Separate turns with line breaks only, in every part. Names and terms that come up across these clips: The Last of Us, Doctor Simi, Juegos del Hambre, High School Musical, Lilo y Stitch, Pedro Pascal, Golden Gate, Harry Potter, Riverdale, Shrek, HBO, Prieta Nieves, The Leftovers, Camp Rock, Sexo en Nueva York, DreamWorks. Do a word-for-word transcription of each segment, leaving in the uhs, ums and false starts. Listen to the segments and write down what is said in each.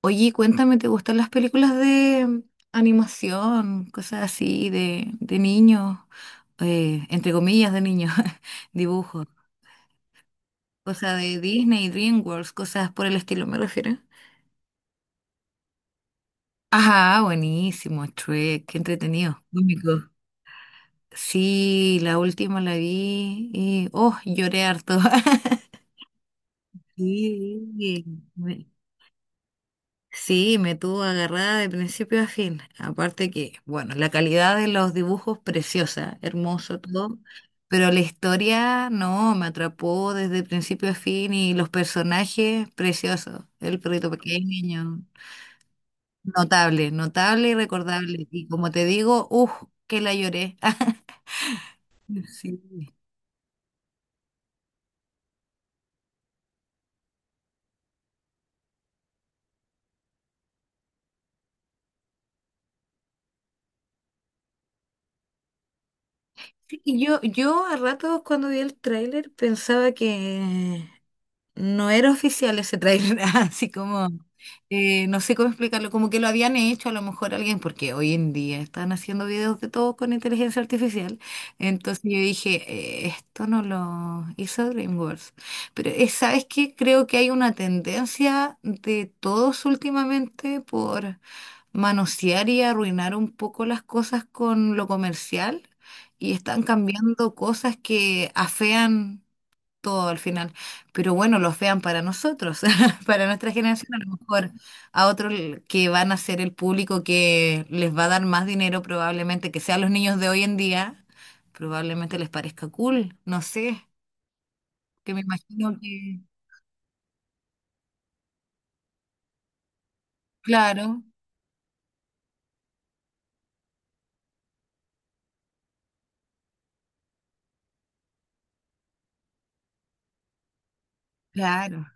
Oye, cuéntame, ¿te gustan las películas de animación, cosas así, de, de niños, eh, entre comillas, de niños, dibujos, cosas de Disney, DreamWorks, cosas por el estilo, me refiero? Ajá, buenísimo, Shrek, qué entretenido, cómico. Sí, la última la vi y, oh, lloré harto. Sí, me- sí, me tuvo agarrada de principio a fin. Aparte que, bueno, la calidad de los dibujos preciosa, hermoso todo, pero la historia no, me atrapó desde principio a fin y los personajes preciosos. El perrito pequeño, notable, notable y recordable. Y como te digo, uff, que la lloré. Sí. Y yo, yo a ratos cuando vi el tráiler pensaba que no era oficial ese trailer, así como, eh, no sé cómo explicarlo, como que lo habían hecho a lo mejor alguien, porque hoy en día están haciendo videos de todo con inteligencia artificial. Entonces yo dije, "Eh, esto no lo hizo DreamWorks. Pero eh, ¿sabes qué? Creo que hay una tendencia de todos últimamente por manosear y arruinar un poco las cosas con lo comercial y están cambiando cosas que afean todo al final. Pero bueno, los vean para nosotros, para nuestra generación, a lo mejor a otros que van a ser el público que les va a dar más dinero, probablemente que sean los niños de hoy en día, probablemente les parezca cool, no sé, que me imagino que, claro, claro.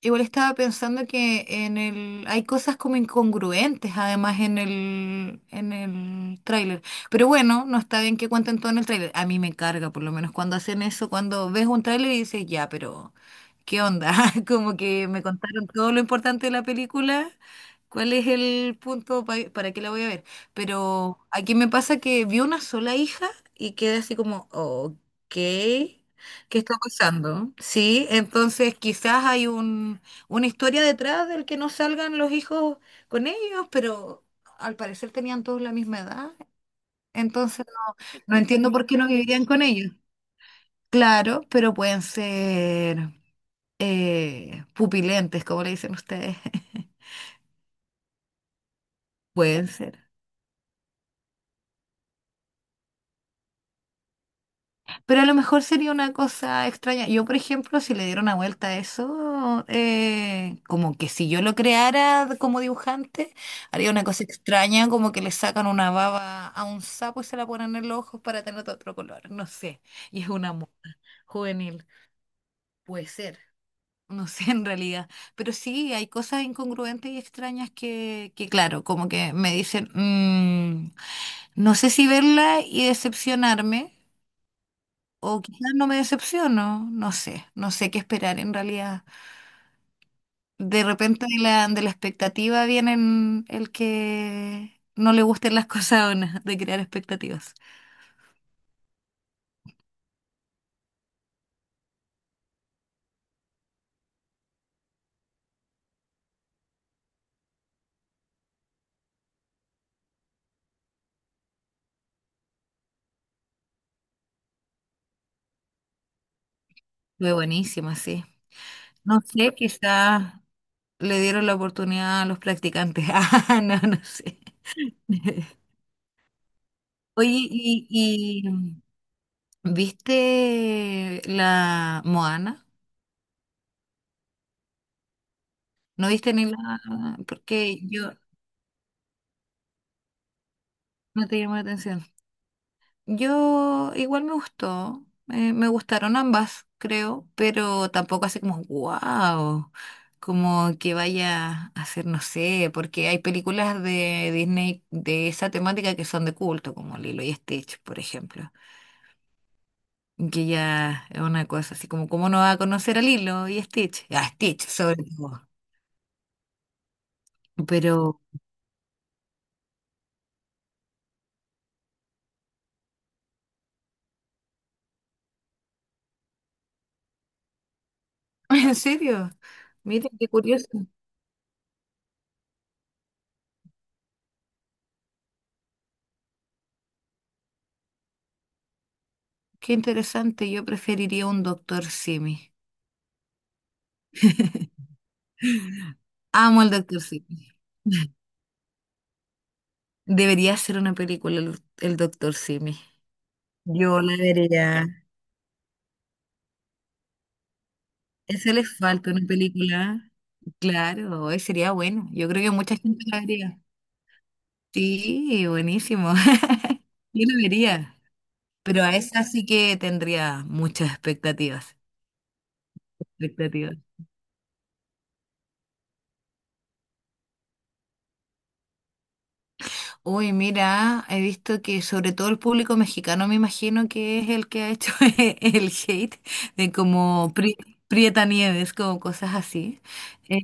Igual estaba pensando que en el hay cosas como incongruentes además en el en el tráiler. Pero bueno, no está bien que cuenten todo en el tráiler. A mí me carga por lo menos cuando hacen eso, cuando ves un tráiler y dices, "Ya, pero ¿qué onda?" Como que me contaron todo lo importante de la película. ¿Cuál es el punto pa- para qué la voy a ver? Pero aquí me pasa que vi una sola hija y quedé así como, "Ok." ¿Qué está pasando? Sí, entonces quizás hay un, una historia detrás del que no salgan los hijos con ellos, pero al parecer tenían todos la misma edad, entonces no entiendo por qué no vivían con ellos. Claro, pero pueden ser eh, pupilentes, como le dicen ustedes. Pueden ser. Pero a lo mejor sería una cosa extraña. Yo, por ejemplo, si le diera una vuelta a eso, eh, como que si yo lo creara como dibujante, haría una cosa extraña, como que le sacan una baba a un sapo y se la ponen en los ojos para tener otro color. No sé. Y es un amor juvenil. Puede ser. No sé en realidad. Pero sí, hay cosas incongruentes y extrañas que, que claro, como que me dicen, "Mm, no sé si verla y decepcionarme. O quizás no me decepciono, no sé, no sé qué esperar en realidad. De repente de la, de la expectativa vienen el que no le gusten las cosas o no, de crear expectativas. Fue buenísima, sí. No sé, quizás le dieron la oportunidad a los practicantes. Ah, no, no sé. Oye, ¿y, y mm, ¿viste la Moana? ¿No viste ni la...? Porque yo no te llamó la atención. Yo igual me gustó, eh, me gustaron ambas, creo, pero tampoco así como, wow, como que vaya a ser, no sé, porque hay películas de Disney de esa temática que son de culto, como Lilo y Stitch, por ejemplo, que ya es una cosa así como, ¿cómo no va a conocer a Lilo y Stitch? A Stitch, sobre todo. Pero, ¿en serio? Miren qué curioso, qué interesante, yo preferiría un Doctor Simi. Amo al Doctor Simi. Debería ser una película el, el Doctor Simi. Yo la vería. Eso les falta una película. Claro, hoy sería bueno. Yo creo que mucha gente la vería. Sí, buenísimo. Yo la vería. Pero a esa sí que tendría muchas expectativas. Expectativas. Uy, mira, he visto que sobre todo el público mexicano me imagino que es el que ha hecho el hate de como Pri- Prieta Nieves, como cosas así. Eh,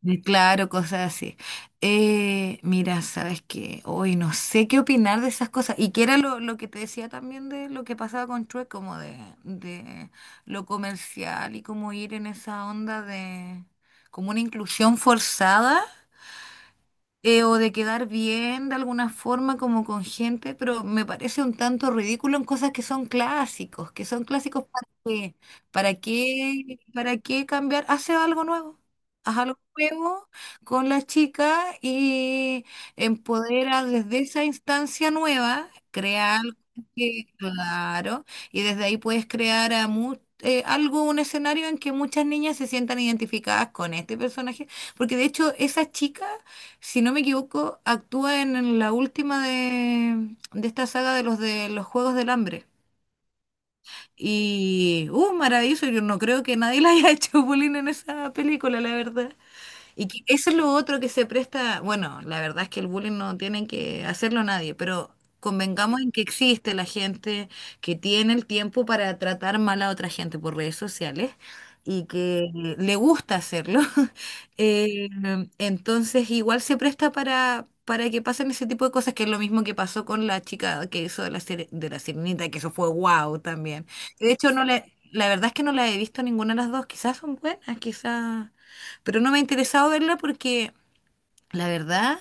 de claro, cosas así. Eh, mira, sabes que hoy no sé qué opinar de esas cosas. Y que era lo, lo que te decía también de lo que pasaba con True, como de, de lo comercial y como ir en esa onda de como una inclusión forzada eh, o de quedar bien de alguna forma como con gente, pero me parece un tanto ridículo en cosas que son clásicos, que son clásicos para qué, para qué, para qué cambiar, hace algo nuevo. Haz algo nuevo con la chica y empodera desde esa instancia nueva, crea algo que, claro, y desde ahí puedes crear a mu- eh, algo, un escenario en que muchas niñas se sientan identificadas con este personaje, porque de hecho esa chica si no me equivoco, actúa en, en la última de, de esta saga de los de los Juegos del Hambre. Y, uh, maravilloso, yo no creo que nadie le haya hecho bullying en esa película, la verdad. Y que eso es lo otro que se presta, bueno, la verdad es que el bullying no tiene que hacerlo nadie, pero convengamos en que existe la gente que tiene el tiempo para tratar mal a otra gente por redes sociales y que le gusta hacerlo. Eh, entonces igual se presta para, para que pasen ese tipo de cosas, que es lo mismo que pasó con la chica que hizo de la, sire- de la sirenita, que eso fue wow también. De hecho, no le, la verdad es que no la he visto ninguna de las dos, quizás son buenas, quizás pero no me ha interesado verla porque la verdad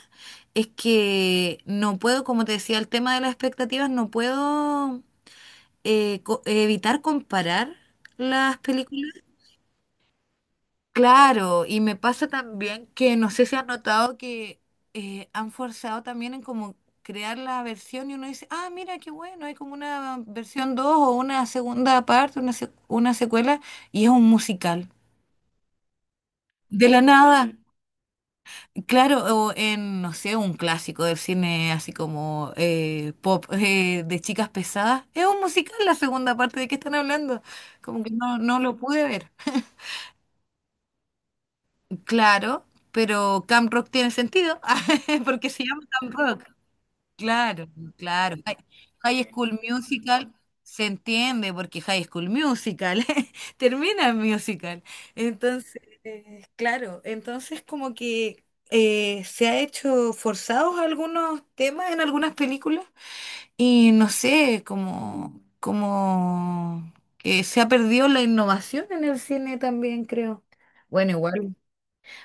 es que no puedo, como te decía, el tema de las expectativas, no puedo eh, co- evitar comparar las películas. Claro, y me pasa también que no sé si has notado que eh, han forzado también en como crear la versión y uno dice, ah, mira, qué bueno, hay como una versión dos o una segunda parte, una, sec- una secuela, y es un musical. De la nada. Claro, o en, no sé, un clásico del cine así como eh, pop eh, de chicas pesadas. Es un musical la segunda parte, ¿de qué están hablando? Como que no, no lo pude ver. Claro, pero Camp Rock tiene sentido, porque se llama Camp Rock. Claro, claro. Hi- High School Musical se entiende porque High School Musical termina en musical. Entonces, eh, claro, entonces como que eh, se ha hecho forzados algunos temas en algunas películas y no sé, como, como que se ha perdido la innovación en el cine también, creo. Bueno, igual.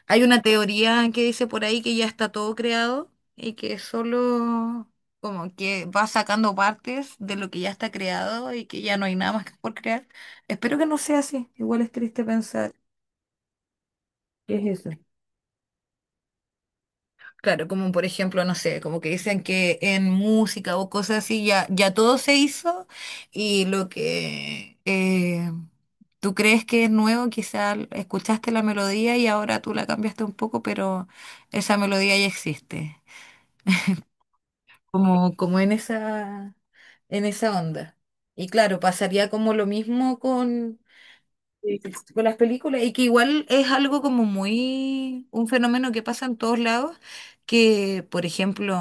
Hay una teoría que dice por ahí que ya está todo creado y que solo como que va sacando partes de lo que ya está creado y que ya no hay nada más que por crear. Espero que no sea así. Igual es triste pensar qué es eso. Claro, como por ejemplo, no sé, como que dicen que en música o cosas así ya, ya todo se hizo y lo que eh, tú crees que es nuevo, quizás escuchaste la melodía y ahora tú la cambiaste un poco, pero esa melodía ya existe. como, como en esa, en esa onda. Y claro, pasaría como lo mismo con, Sí. con las películas, y que igual es algo como muy, un fenómeno que pasa en todos lados, que por ejemplo,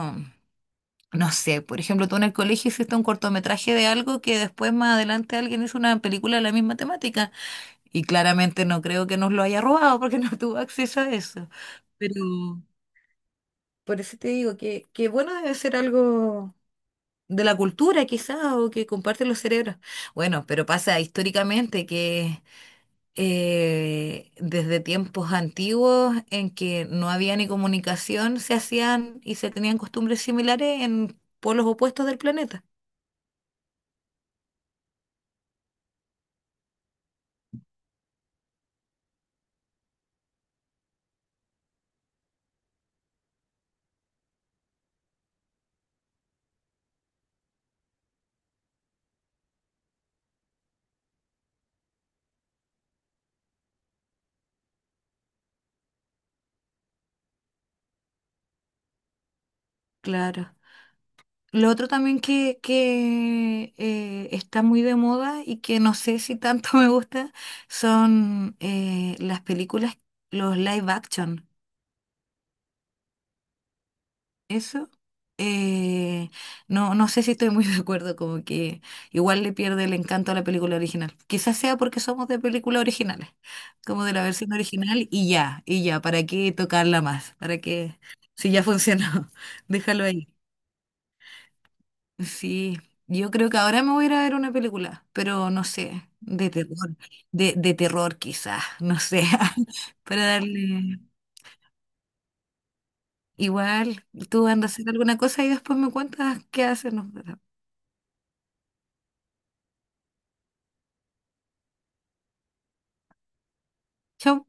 no sé, por ejemplo, tú en el colegio hiciste un cortometraje de algo que después más adelante alguien hizo una película de la misma temática, y claramente no creo que nos lo haya robado porque no tuvo acceso a eso, pero por eso te digo que, que bueno debe ser algo de la cultura quizás o que comparten los cerebros. Bueno, pero pasa históricamente que eh, desde tiempos antiguos en que no había ni comunicación, se hacían y se tenían costumbres similares en polos opuestos del planeta. Claro. Lo otro también que, que eh, está muy de moda y que no sé si tanto me gusta son eh, las películas, los live action. Eso, eh, no, no sé si estoy muy de acuerdo, como que igual le pierde el encanto a la película original. Quizás sea porque somos de películas originales, como de la versión original y ya, y ya, ¿para qué tocarla más? ¿Para qué? Si ya funcionó, déjalo ahí. Sí, yo creo que ahora me voy a ir a ver una película, pero no sé, de terror, de, de terror quizás, no sé, para darle... Igual, tú andas a hacer alguna cosa y después me cuentas qué haces. Nos- Chao.